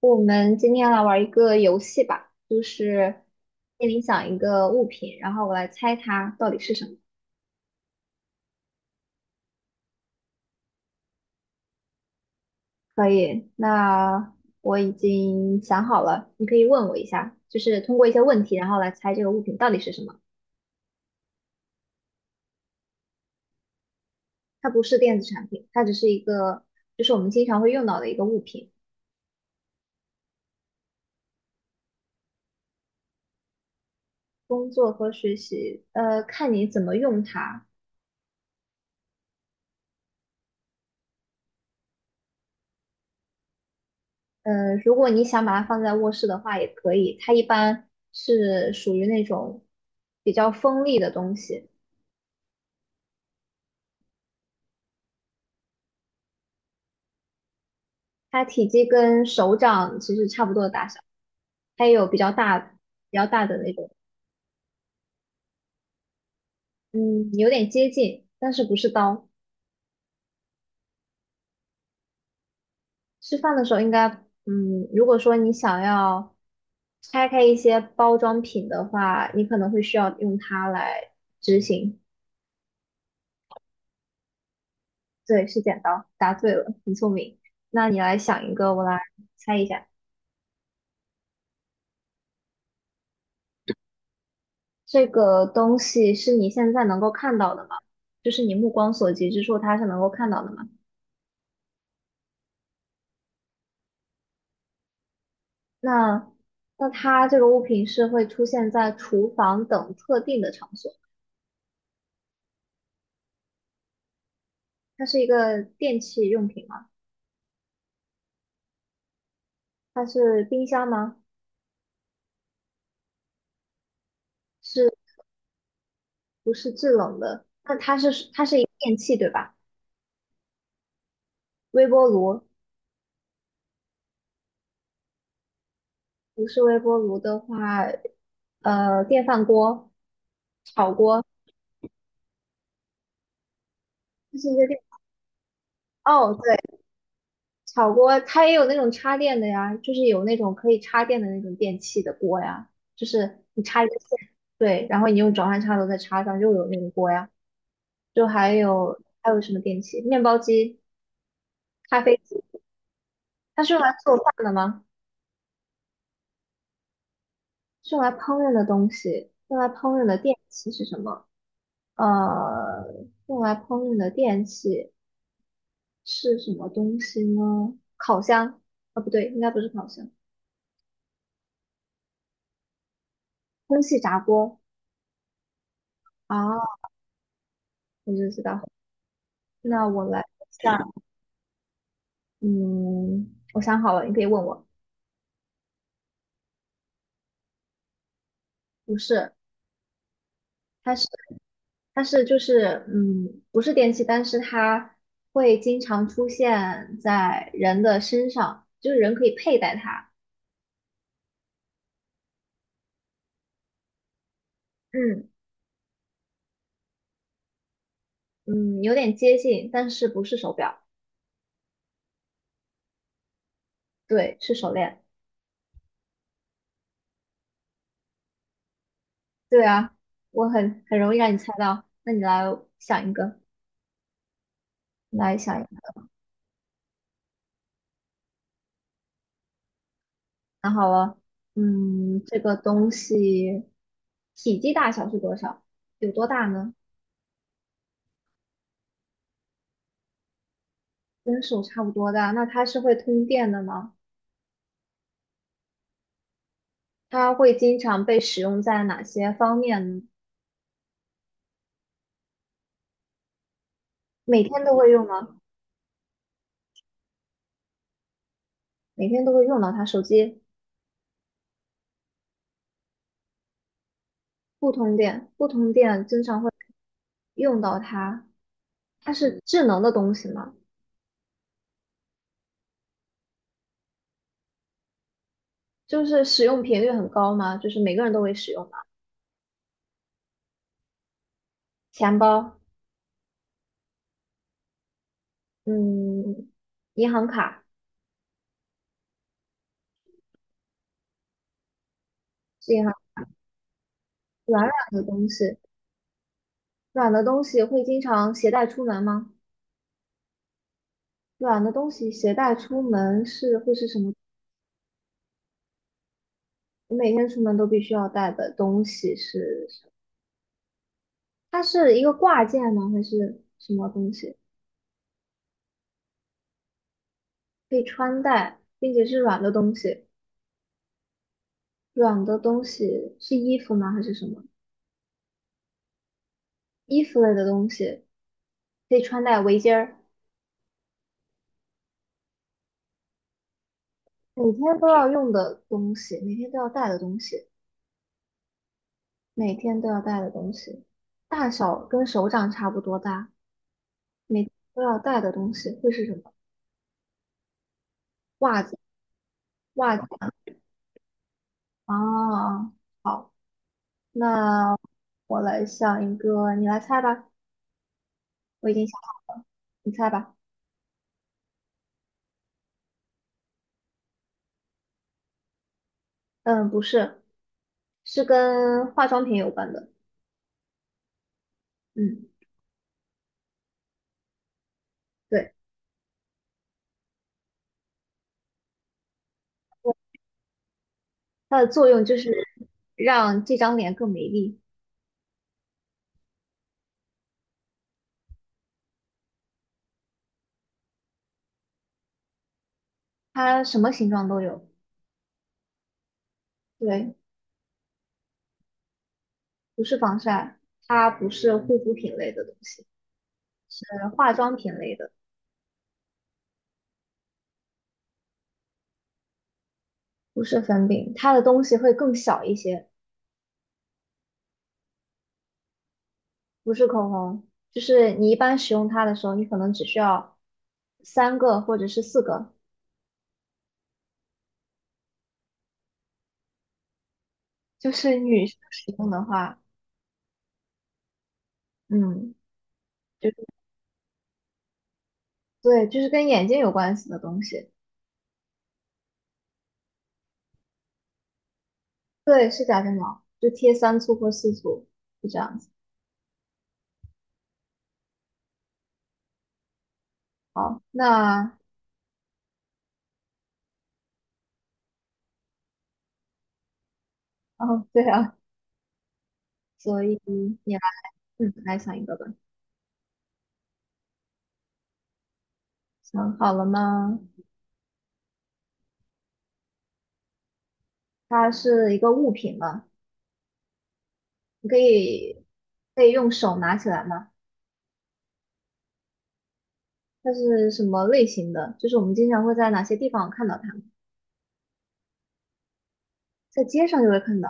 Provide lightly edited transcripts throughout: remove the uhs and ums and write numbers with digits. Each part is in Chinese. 我们今天来玩一个游戏吧，就是心里想一个物品，然后我来猜它到底是什么。可以，那我已经想好了，你可以问我一下，就是通过一些问题，然后来猜这个物品到底是什么。它不是电子产品，它只是一个，就是我们经常会用到的一个物品。工作和学习，看你怎么用它。如果你想把它放在卧室的话，也可以。它一般是属于那种比较锋利的东西。它体积跟手掌其实差不多的大小，它也有比较大、比较大的那种，嗯，有点接近，但是不是刀。吃饭的时候应该，如果说你想要拆开一些包装品的话，你可能会需要用它来执行。对，是剪刀，答对了，很聪明。那你来想一个，我来猜一下，这个东西是你现在能够看到的吗？就是你目光所及之处，它是能够看到的吗？那它这个物品是会出现在厨房等特定的场所。它是一个电器用品吗？它是冰箱吗？是不是制冷的？那它是一个电器对吧？微波炉。不是微波炉的话，电饭锅、炒锅，这是一个电。哦，对。炒锅它也有那种插电的呀，就是有那种可以插电的那种电器的锅呀，就是你插一个线，对，然后你用转换插头再插上，又有那个锅呀。就还有什么电器？面包机、咖啡机，它是用来做饭的吗？是用来烹饪的东西，用来烹饪的电器是什么？呃，用来烹饪的电器是什么东西呢？烤箱？啊，不对，应该不是烤箱，空气炸锅。啊，我就知道。那我来想，嗯，我想好了，你可以问我。不是，它是它是就是，不是电器，但是它会经常出现在人的身上，就是人可以佩戴它。嗯嗯，有点接近，但是不是手表，对，是手链。对啊，我很容易让你猜到。那你来想一个，来想一个。想好了。这个东西体积大小是多少？有多大呢？跟手差不多大，那它是会通电的吗？它会经常被使用在哪些方面呢？每天都会用吗？每天都会用到它。手机不通电，不通电经常会用到它。它是智能的东西吗？就是使用频率很高吗？就是每个人都会使用吗？钱包。嗯，银行卡。是银行软软的东西，软的东西会经常携带出门吗？软的东西携带出门是会是什么？我每天出门都必须要带的东西是什么，它是一个挂件吗？还是什么东西？可以穿戴，并且是软的东西。软的东西是衣服吗？还是什么？衣服类的东西可以穿戴围巾儿，每天都要用的东西，每天都要带的东西，每天都要带的东西，大小跟手掌差不多大，每天都要带的东西会是什么？袜子。袜子啊，好。那我来想一个，你来猜吧。我已经想好了，你猜吧。嗯，不是，是跟化妆品有关的。嗯，对，它的作用就是让这张脸更美丽。它什么形状都有。对，不是防晒，它不是护肤品类的东西，是化妆品类的，不是粉饼。它的东西会更小一些，不是口红。就是你一般使用它的时候，你可能只需要三个或者是四个。就是女生使用的话，嗯，就是对，就是跟眼睛有关系的东西，对，是假睫毛，就贴三簇或四簇，就这样子。好。那哦，对啊，所以你来，来想一个吧。想好了吗？它是一个物品吗？你可以用手拿起来吗？它是什么类型的？就是我们经常会在哪些地方看到它？在街上就会看到。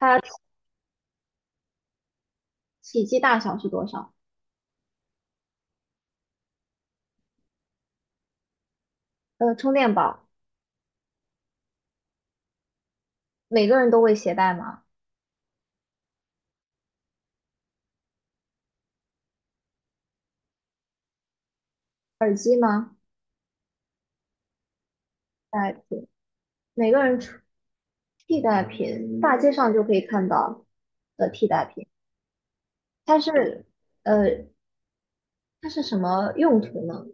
它体积大小是多少？充电宝。每个人都会携带吗？代品，每个人出替代品，大街上就可以看到的替代品。它是，呃，它是什么用途呢？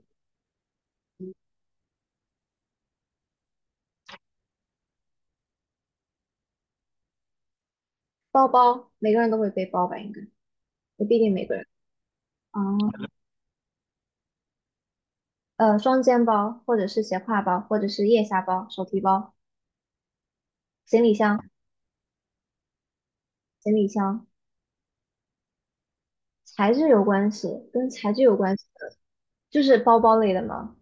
包包，每个人都会背包吧？应该也不一定每个人。啊，双肩包，或者是斜挎包，或者是腋下包、手提包、行李箱、行李箱，材质有关系，跟材质有关系的，就是包包类的嘛，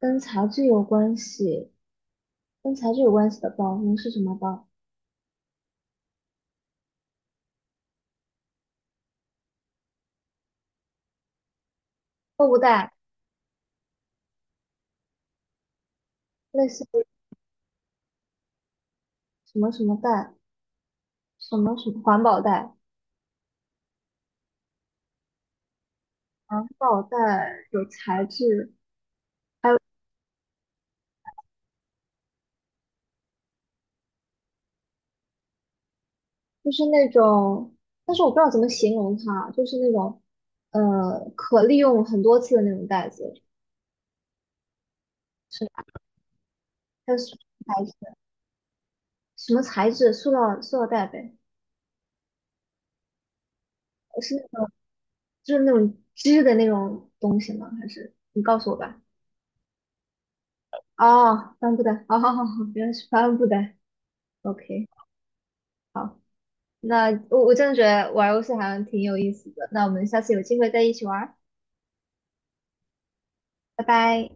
跟材质有关系，跟材质有关系的包，能是什么包？购物袋，类似于什么什么袋？什么什么环保袋？环保袋有材质，还有就是那种，但是我不知道怎么形容它，就是那种可利用很多次的那种袋子，是它是材质什么材质？塑料袋呗，是那种就是那种织的那种东西吗？还是你告诉我吧？哦，帆布袋，哦，好好好，原来是帆布袋，OK。好，那我真的觉得玩游戏好像挺有意思的，那我们下次有机会再一起玩儿，拜拜。